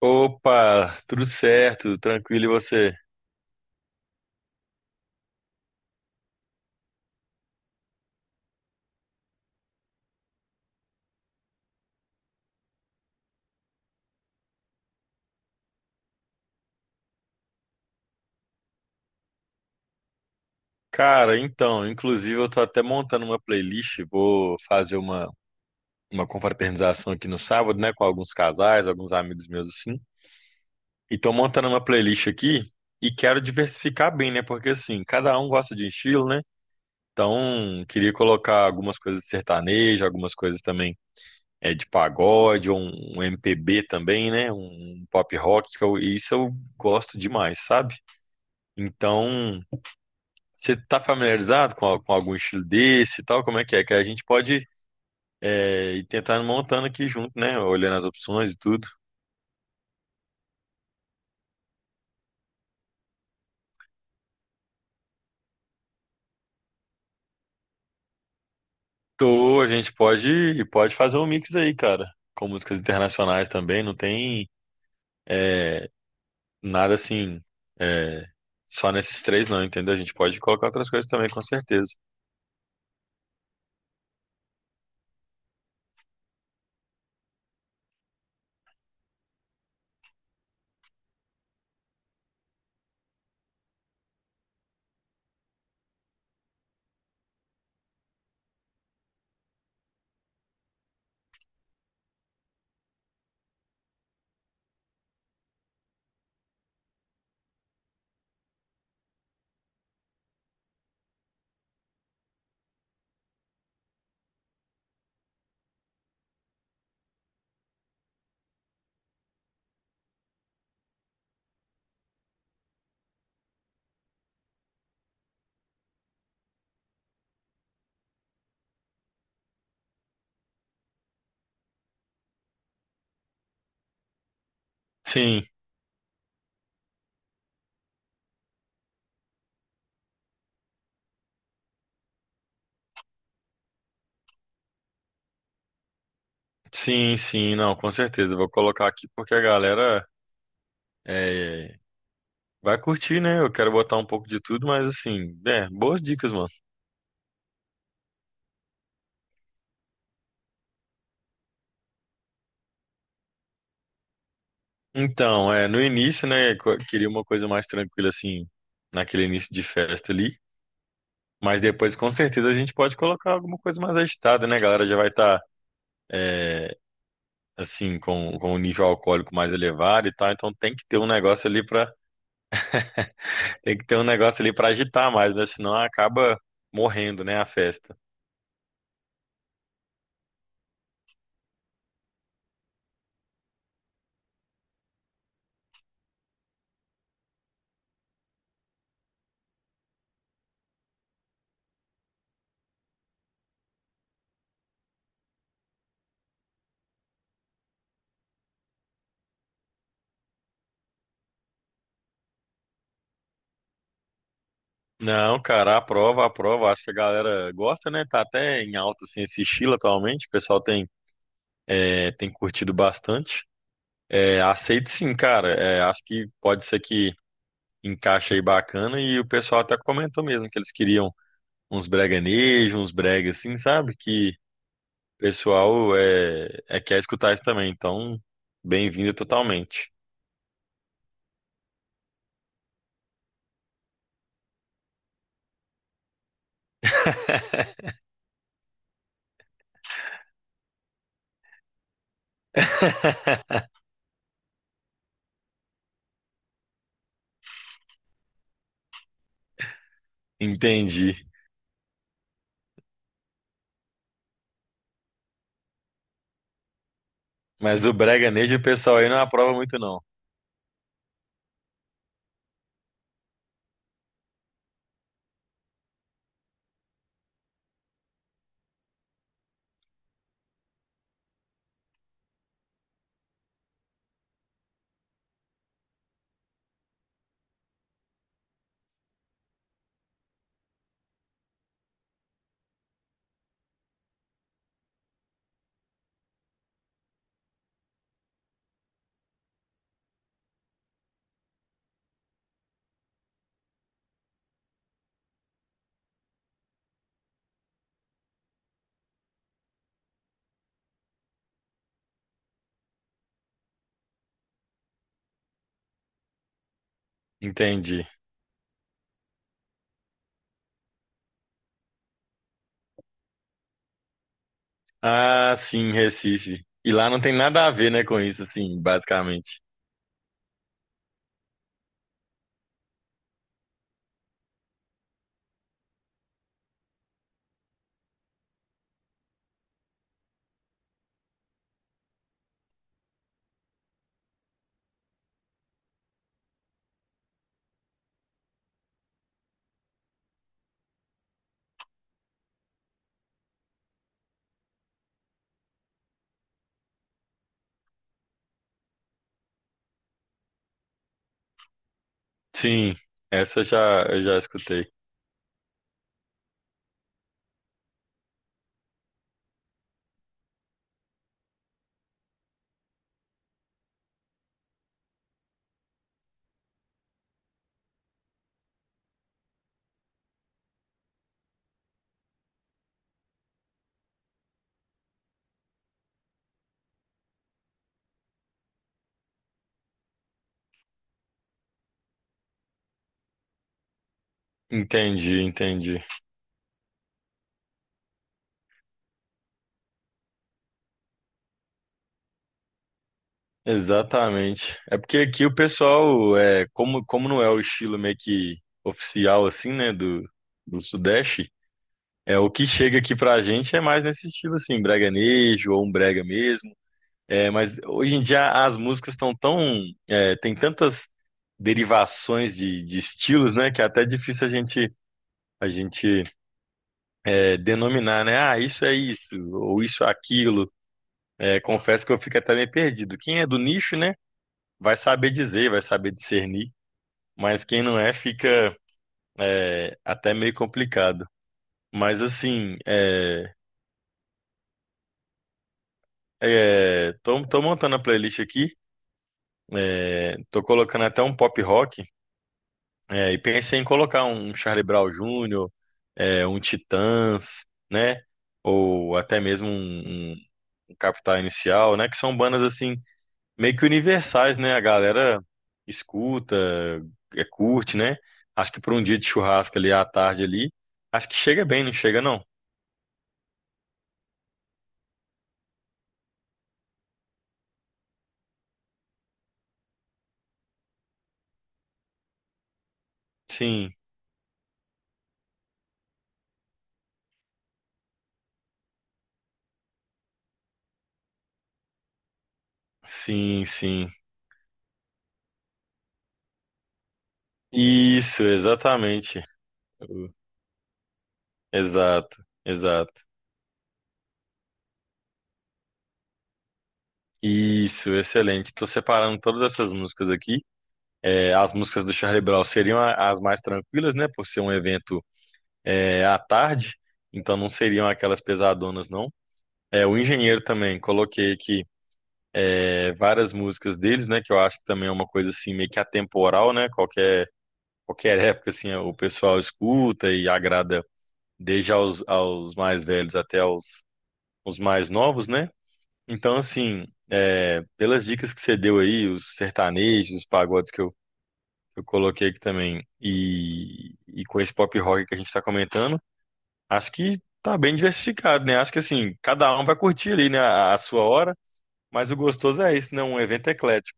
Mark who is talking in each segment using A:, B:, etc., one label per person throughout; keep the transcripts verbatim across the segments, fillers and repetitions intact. A: Opa, tudo certo, tranquilo e você? Cara, então, inclusive eu tô até montando uma playlist, vou fazer uma, uma confraternização aqui no sábado, né, com alguns casais, alguns amigos meus assim. E tô montando uma playlist aqui e quero diversificar bem, né, porque assim, cada um gosta de um estilo, né? Então, queria colocar algumas coisas de sertanejo, algumas coisas também é de pagode, um, um M P B também, né, um pop rock, que eu- isso eu gosto demais, sabe? Então, você está familiarizado com, al- com algum estilo desse e tal? Como é que é? Que a gente pode é, ir tentando montando aqui junto, né? Olhando as opções e tudo. Tô, a gente pode, pode fazer um mix aí, cara. Com músicas internacionais também, não tem é, nada assim, é, só nesses três não, entendeu? A gente pode colocar outras coisas também, com certeza. Sim, sim, sim, não, com certeza. Eu vou colocar aqui porque a galera é, vai curtir, né? Eu quero botar um pouco de tudo, mas assim, é, boas dicas, mano. Então, é, no início, né, co- queria uma coisa mais tranquila, assim, naquele início de festa ali. Mas depois, com certeza, a gente pode colocar alguma coisa mais agitada, né? A galera já vai estar, assim, com, com o nível alcoólico mais elevado e tal. Então tem que ter um negócio ali para tem que ter um negócio ali para agitar mais, né? Senão acaba morrendo, né, a festa. Não, cara, aprova, aprova. Acho que a galera gosta, né? Tá até em alta, assim, esse estilo atualmente. O pessoal tem, é, tem curtido bastante. É, aceito sim, cara. É, acho que pode ser que encaixe aí bacana e o pessoal até comentou mesmo que eles queriam uns breganejos, uns brega assim, sabe? Que o pessoal é, é quer escutar isso também. Então, bem-vindo totalmente. Entendi. Mas o breganejo o pessoal aí não aprova muito não. Entendi. Ah, sim, Recife. E lá não tem nada a ver, né, com isso, assim, basicamente. Sim, essa eu já eu já escutei. Entendi, entendi. Exatamente. É porque aqui o pessoal, é, como, como não é o estilo meio que oficial, assim, né, do, do Sudeste, é o que chega aqui pra gente é mais nesse estilo, assim, breganejo ou um brega mesmo. É, mas hoje em dia as músicas estão tão, é, tem tantas derivações de, de estilos, né, que é até difícil a gente, a gente é, denominar, né, ah, isso é isso, ou isso é aquilo. É, confesso que eu fico até meio perdido. Quem é do nicho, né, vai saber dizer, vai saber discernir. Mas quem não é, fica é, até meio complicado. Mas assim, é, é, tô, tô montando a playlist aqui, é, tô colocando até um pop rock, é, e pensei em colocar um Charlie Brown júnior, é, um Titãs, né? Ou até mesmo um, um Capital Inicial, né? Que são bandas assim, meio que universais, né? A galera escuta, é, curte, né? Acho que para um dia de churrasco ali à tarde ali, acho que chega bem, não chega não? Sim, sim, sim. Isso, exatamente. Uh, Exato, exato. Isso, excelente. Estou separando todas essas músicas aqui. É, as músicas do Charlie Brown seriam a- as mais tranquilas, né? Por ser um evento é, à tarde, então não seriam aquelas pesadonas, não. É, o Engenheiro também, coloquei aqui é, várias músicas deles, né? Que eu acho que também é uma coisa assim meio que atemporal, né? Qualquer, qualquer época, assim, o pessoal escuta e agrada desde aos, aos mais velhos até aos os mais novos, né? Então, assim, é, pelas dicas que você deu aí, os sertanejos, os pagodes que eu, que eu coloquei aqui também, e, e com esse pop rock que a gente está comentando, acho que tá bem diversificado, né? Acho que, assim, cada um vai curtir ali, né, a, a sua hora, mas o gostoso é isso, né? Um evento eclético.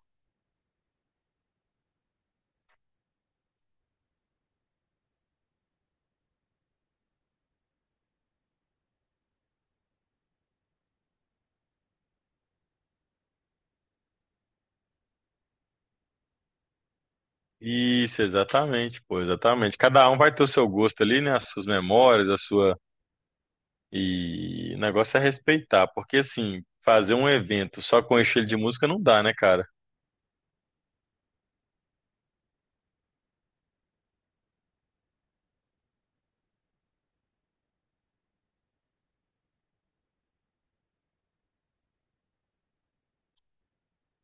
A: Isso, exatamente, pô, exatamente. Cada um vai ter o seu gosto ali, né? As suas memórias, a sua. E o negócio é respeitar, porque assim, fazer um evento só com estilo de música não dá, né, cara?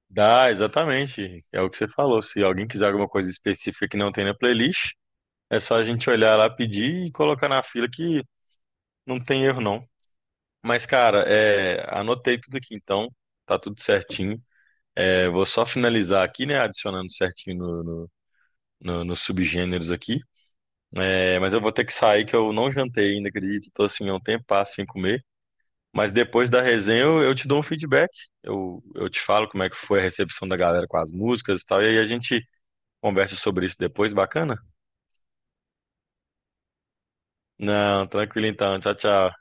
A: Dá, exatamente. É o que você falou. Se alguém quiser alguma coisa específica que não tem na playlist, é só a gente olhar lá, pedir e colocar na fila que não tem erro, não. Mas, cara, é, anotei tudo aqui então, tá tudo certinho. É, vou só finalizar aqui, né, adicionando certinho no, no- no- nos subgêneros aqui. É, mas eu vou ter que sair que eu não jantei ainda, acredito. Tô assim, há um tempo, sem comer. Mas depois da resenha eu, eu te dou um feedback. Eu, eu te falo como é que foi a recepção da galera com as músicas e tal. E aí a gente conversa sobre isso depois, bacana? Não, tranquilo então. Tchau, tchau.